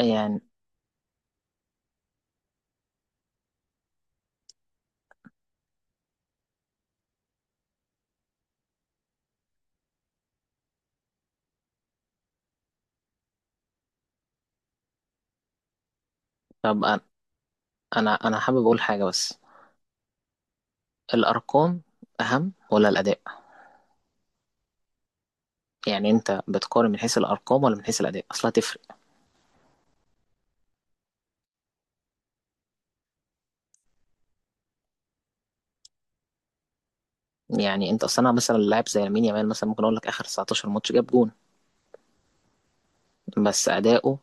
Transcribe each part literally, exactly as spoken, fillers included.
يعني طب أنا أنا أنا حابب أقول حاجة، بس الأرقام أهم ولا الأداء؟ يعني أنت بتقارن من حيث الأرقام ولا من حيث الأداء؟ أصلا هتفرق. يعني أنت أصلا مثلا لاعب زي لامين يامال مثلا، ممكن أقول لك آخر تسعتاشر ماتش جاب جون، بس أداؤه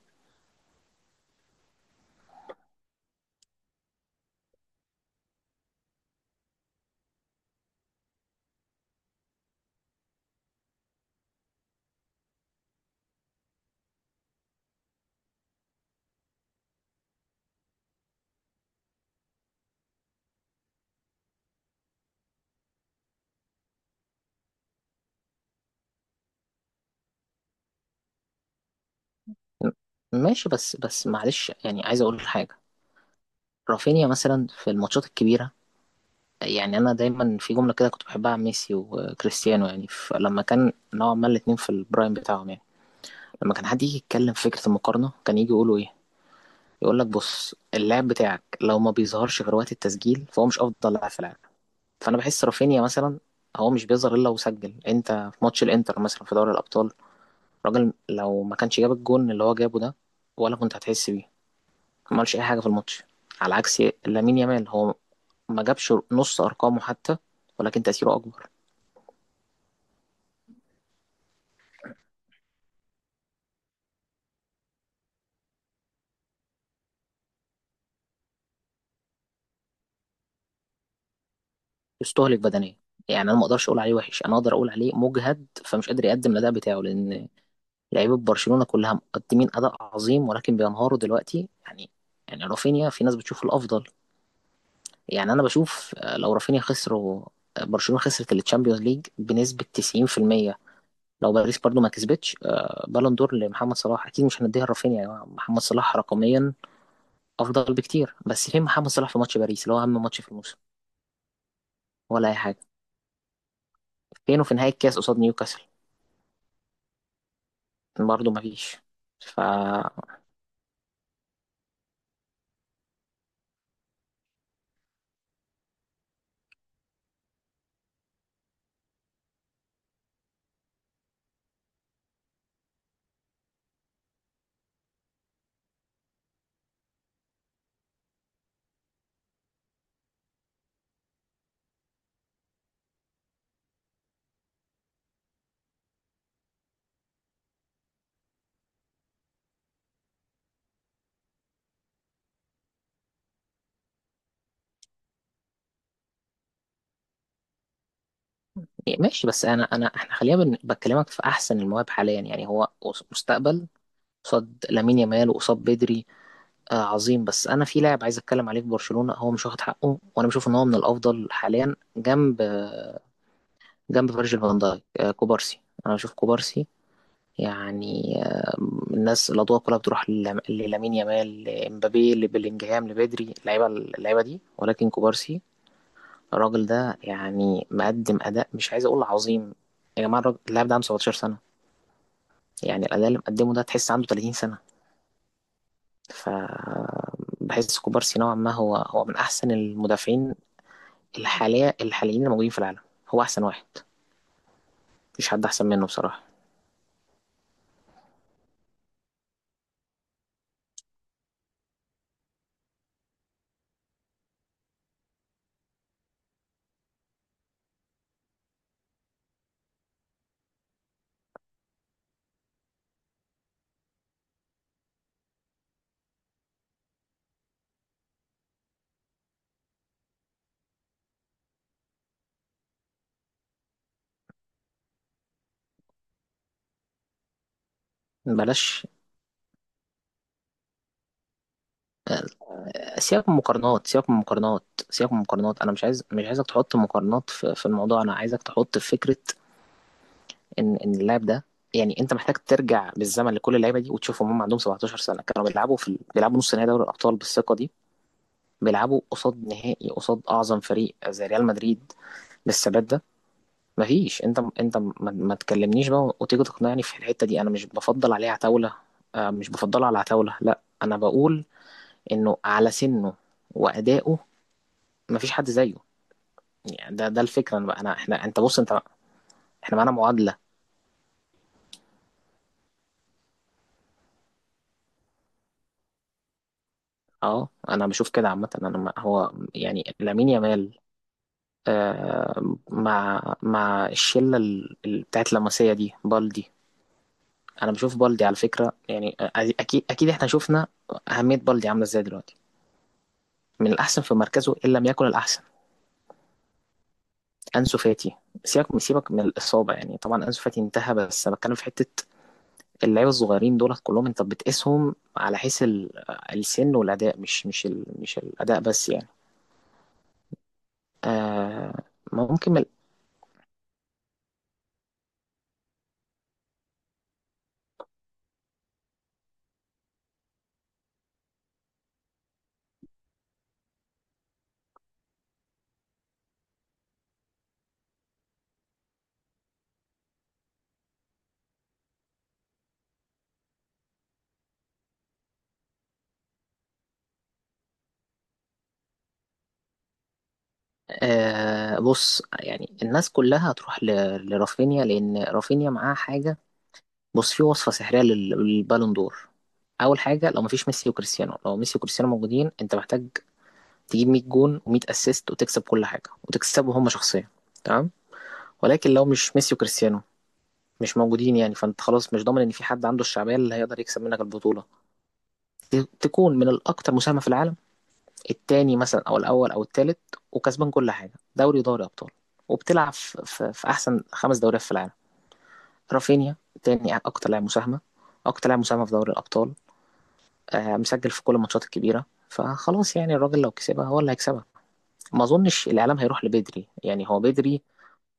ماشي. بس بس معلش، يعني عايز أقول حاجة. رافينيا مثلا في الماتشات الكبيرة، يعني أنا دايما في جملة كده كنت بحبها عن ميسي وكريستيانو، يعني فلما كان نوعا ما الاتنين في البرايم بتاعهم، يعني لما كان حد يجي يتكلم في فكرة المقارنة كان يجي يقولوا إيه؟ يقول لك بص، اللاعب بتاعك لو ما بيظهرش غير وقت التسجيل فهو مش افضل لاعب في العالم. فانا بحس رافينيا مثلا هو مش بيظهر الا وسجل، انت في ماتش الانتر مثلا في دوري الابطال، الراجل لو ما كانش جاب الجون اللي هو جابه ده ولا كنت هتحس بيه. ما عملش اي حاجه في الماتش، على عكس لامين يامال. هو ما جابش نص ارقامه حتى، ولكن تاثيره اكبر. يستهلك بدنيا، يعني انا ما اقدرش اقول عليه وحش، انا اقدر اقول عليه مجهد، فمش قادر يقدم الاداء بتاعه، لان لعيبه برشلونه كلها مقدمين اداء عظيم ولكن بينهاروا دلوقتي، يعني. يعني رافينيا في ناس بتشوفه الافضل، يعني انا بشوف، آه، لو رافينيا خسر و- آه، برشلونه خسرت التشامبيونز ليج بنسبه تسعين في المية، لو باريس برضو ما كسبتش آه، بالون دور لمحمد صلاح اكيد مش هنديها لرافينيا يا جماعة. محمد صلاح رقميا افضل بكتير، بس فين محمد صلاح في ماتش باريس اللي هو اهم ماتش في الموسم ولا اي حاجه؟ فينه في نهايه الكاس قصاد نيوكاسل؟ برضو ما فيش. ف إيه، ماشي، بس انا انا احنا خلينا بن- بكلمك في احسن المواهب حاليا، يعني هو قص- مستقبل قصاد لامين يامال وقصاد بدري. آه عظيم. بس انا في لاعب عايز اتكلم عليه في برشلونة هو مش واخد حقه، وانا بشوف ان هو من الافضل حاليا، جنب جنب فيرجيل فان دايك، آه كوبارسي. انا بشوف كوبارسي، يعني آه الناس الاضواء كلها بتروح للام- للامين يامال، لامبابي، لبلينجهام، لبدري، اللعيبه اللعيبه دي، ولكن كوبارسي الراجل ده يعني مقدم اداء مش عايز اقول عظيم. يا جماعه، الراجل- اللاعب ده عنده سبعة عشر سنه، يعني الأداء اللي مقدمه ده تحس عنده ثلاثين سنة. ف بحس كوبارسي نوعا ما هو هو من أحسن المدافعين الحالية الحاليين اللي موجودين في العالم. هو أحسن واحد، مفيش حد أحسن منه بصراحة. بلاش. سيبك من المقارنات، سيبك من المقارنات، سيبك من المقارنات. أنا مش عايز مش عايزك تحط مقارنات في, في الموضوع. أنا عايزك تحط في فكرة إن إن اللاعب ده، يعني أنت محتاج ترجع بالزمن لكل اللعيبة دي وتشوفهم، هم عندهم سبعة عشر سنة كانوا بيلعبوا في ال- بيلعبوا نص نهائي دوري الأبطال بالثقة دي؟ بيلعبوا قصاد نهائي، قصاد أعظم فريق زي ريال مدريد، بالثبات ده؟ مفيش. انت انت ما, ما تكلمنيش بقى وتيجي تقنعني في الحته دي. انا مش بفضل عليه عتاوله، آه مش بفضله على عتاوله، لا. انا بقول انه على سنه وادائه مفيش حد زيه. يعني ده ده الفكره. انا بقى انا احنا انت بص انت، احنا معانا معادله. اه انا بشوف كده عامه. انا ما- هو، يعني لامين يامال، آه مع مع الشله، ال- ال- بتاعت لاماسيا دي، بالدي. انا بشوف بالدي على فكره، يعني آه، اكيد اكيد، احنا شفنا اهميه بالدي عامله ازاي دلوقتي، من الأحسن في مركزه إن لم يكن الأحسن. أنسو فاتي، سيبك سيبك من الإصابة. يعني طبعا أنسو فاتي انتهى، بس أنا بتكلم في حتة اللعيبة الصغيرين دولت كلهم، أنت بتقيسهم على حيث ال- السن والأداء، مش مش ال... مش الأداء بس، يعني آه. ممكن من... آه بص، يعني الناس كلها هتروح ل... لرافينيا لأن رافينيا معاه حاجة. بص، في وصفة سحرية لل... للبالون دور. أول حاجة لو مفيش ميسي وكريستيانو، لو ميسي وكريستيانو موجودين أنت محتاج تجيب مية جون و100 اسيست وتكسب كل حاجه وتكسبه هم شخصيا، تمام. ولكن لو مش ميسي وكريستيانو مش موجودين يعني، فانت خلاص مش ضامن ان في حد عنده الشعبيه اللي هيقدر يكسب منك البطوله. ت- تكون من الاكثر مساهمه في العالم، الثاني مثلا او الاول او الثالث، وكسبان كل حاجه، دوري ودوري ابطال، وبتلعب في, في, في احسن خمس دوريات في العالم. رافينيا تاني اكتر لاعب مساهمه، اكتر لاعب مساهمه في دوري الابطال، آه مسجل في كل الماتشات الكبيره. فخلاص يعني الراجل لو كسبها هو اللي هيكسبها. ما اظنش الاعلام هيروح لبدري، يعني هو بدري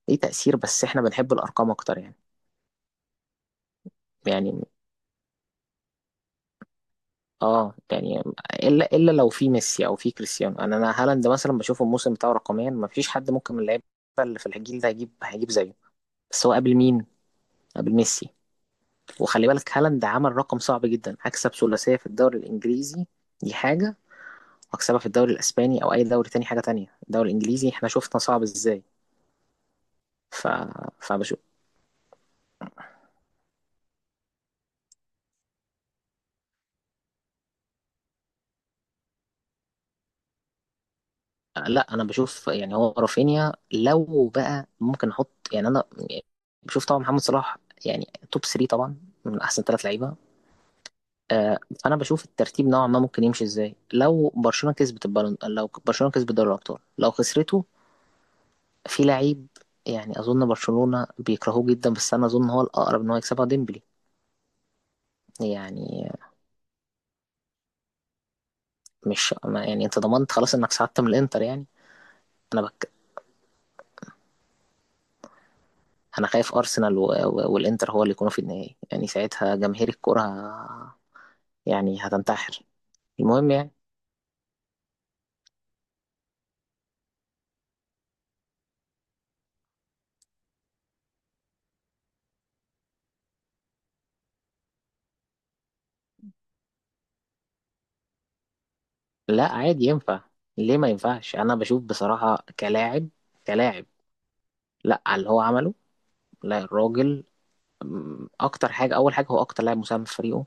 ليه تأثير، بس احنا بنحب الأرقام أكتر، يعني. يعني اه يعني، الا الا لو في ميسي او في كريستيانو. انا انا هالاند مثلا بشوف الموسم بتاعه رقميا ما فيش حد ممكن من اللعيبه اللي في الجيل ده هيجيب هيجيب زيه. بس هو قبل مين؟ قبل ميسي. وخلي بالك هالاند عمل رقم صعب جدا، هكسب ثلاثيه في الدوري الانجليزي، دي حاجه، واكسبها في الدوري الاسباني او اي دوري تاني حاجه تانية، الدوري الانجليزي احنا شفنا صعب ازاي. ف... فبشوف. لا انا بشوف، يعني هو رافينيا لو بقى ممكن احط، يعني انا بشوف طبعا محمد صلاح يعني، توب ثلاثة طبعا، من احسن ثلاث لعيبه. آه، فانا بشوف الترتيب نوعا ما ممكن يمشي ازاي. لو برشلونه كسبت البالون، لو برشلونه كسبت دوري الابطال، لو خسرته، في لعيب يعني اظن برشلونه بيكرهوه جدا بس انا اظن هو الاقرب ان هو يكسبها، ديمبلي يعني. مش ما- يعني، انت ضمنت خلاص انك ساعدت من الانتر، يعني. انا بك انا خايف ارسنال و... و... والانتر هو اللي يكونوا في النهائي، يعني ساعتها جماهير الكره يعني هتنتحر. المهم يعني. لا عادي ينفع. ليه ما ينفعش؟ انا بشوف بصراحة كلاعب، كلاعب، لا على اللي هو عمله. لا الراجل أم، اكتر حاجة اول حاجة هو اكتر لاعب مساهم في فريقه،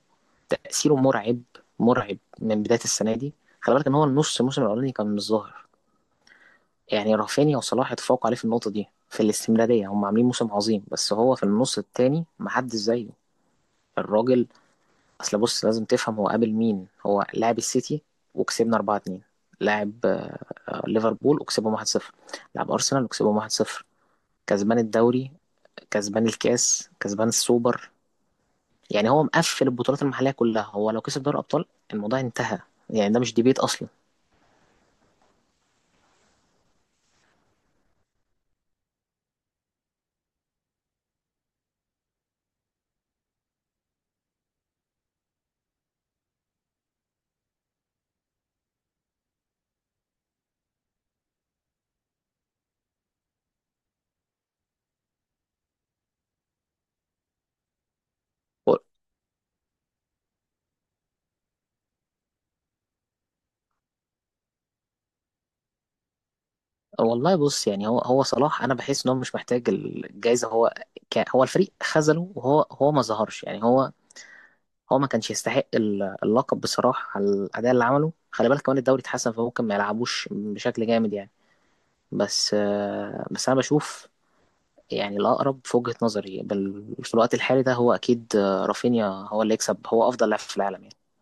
تأثيره مرعب، مرعب من بداية السنة دي. خلي بالك ان هو النص الموسم الاولاني كان مش ظاهر، يعني رافينيا وصلاح اتفوقوا عليه في النقطة دي في الاستمرارية، هم عاملين موسم عظيم، بس هو في النص التاني محدش زيه. الراجل اصل بص لازم تفهم هو قابل مين. هو لاعب السيتي وكسبنا اربعة اتنين، لاعب آه، ليفربول وكسبهم واحد صفر، لاعب ارسنال وكسبهم واحد صفر، كسبان الدوري، كسبان الكاس، كسبان السوبر. يعني هو مقفل البطولات المحليه كلها، هو لو كسب دوري الابطال الموضوع انتهى. يعني ده مش ديبيت اصلا. و- والله بص، يعني هو هو صلاح، انا بحس ان هو مش محتاج الجائزه. هو، ك- هو الفريق خذله وهو هو ما ظهرش، يعني هو هو ما كانش يستحق ال- اللقب بصراحة على الأداء اللي عمله. خلي بالك كمان الدوري اتحسن فممكن ما يلعبوش بشكل جامد، يعني. بس آه، بس أنا بشوف، يعني الأقرب في وجهة نظري بال- في الوقت الحالي ده هو أكيد آه، رافينيا هو اللي يكسب. هو أفضل لاعب في العالم، يعني.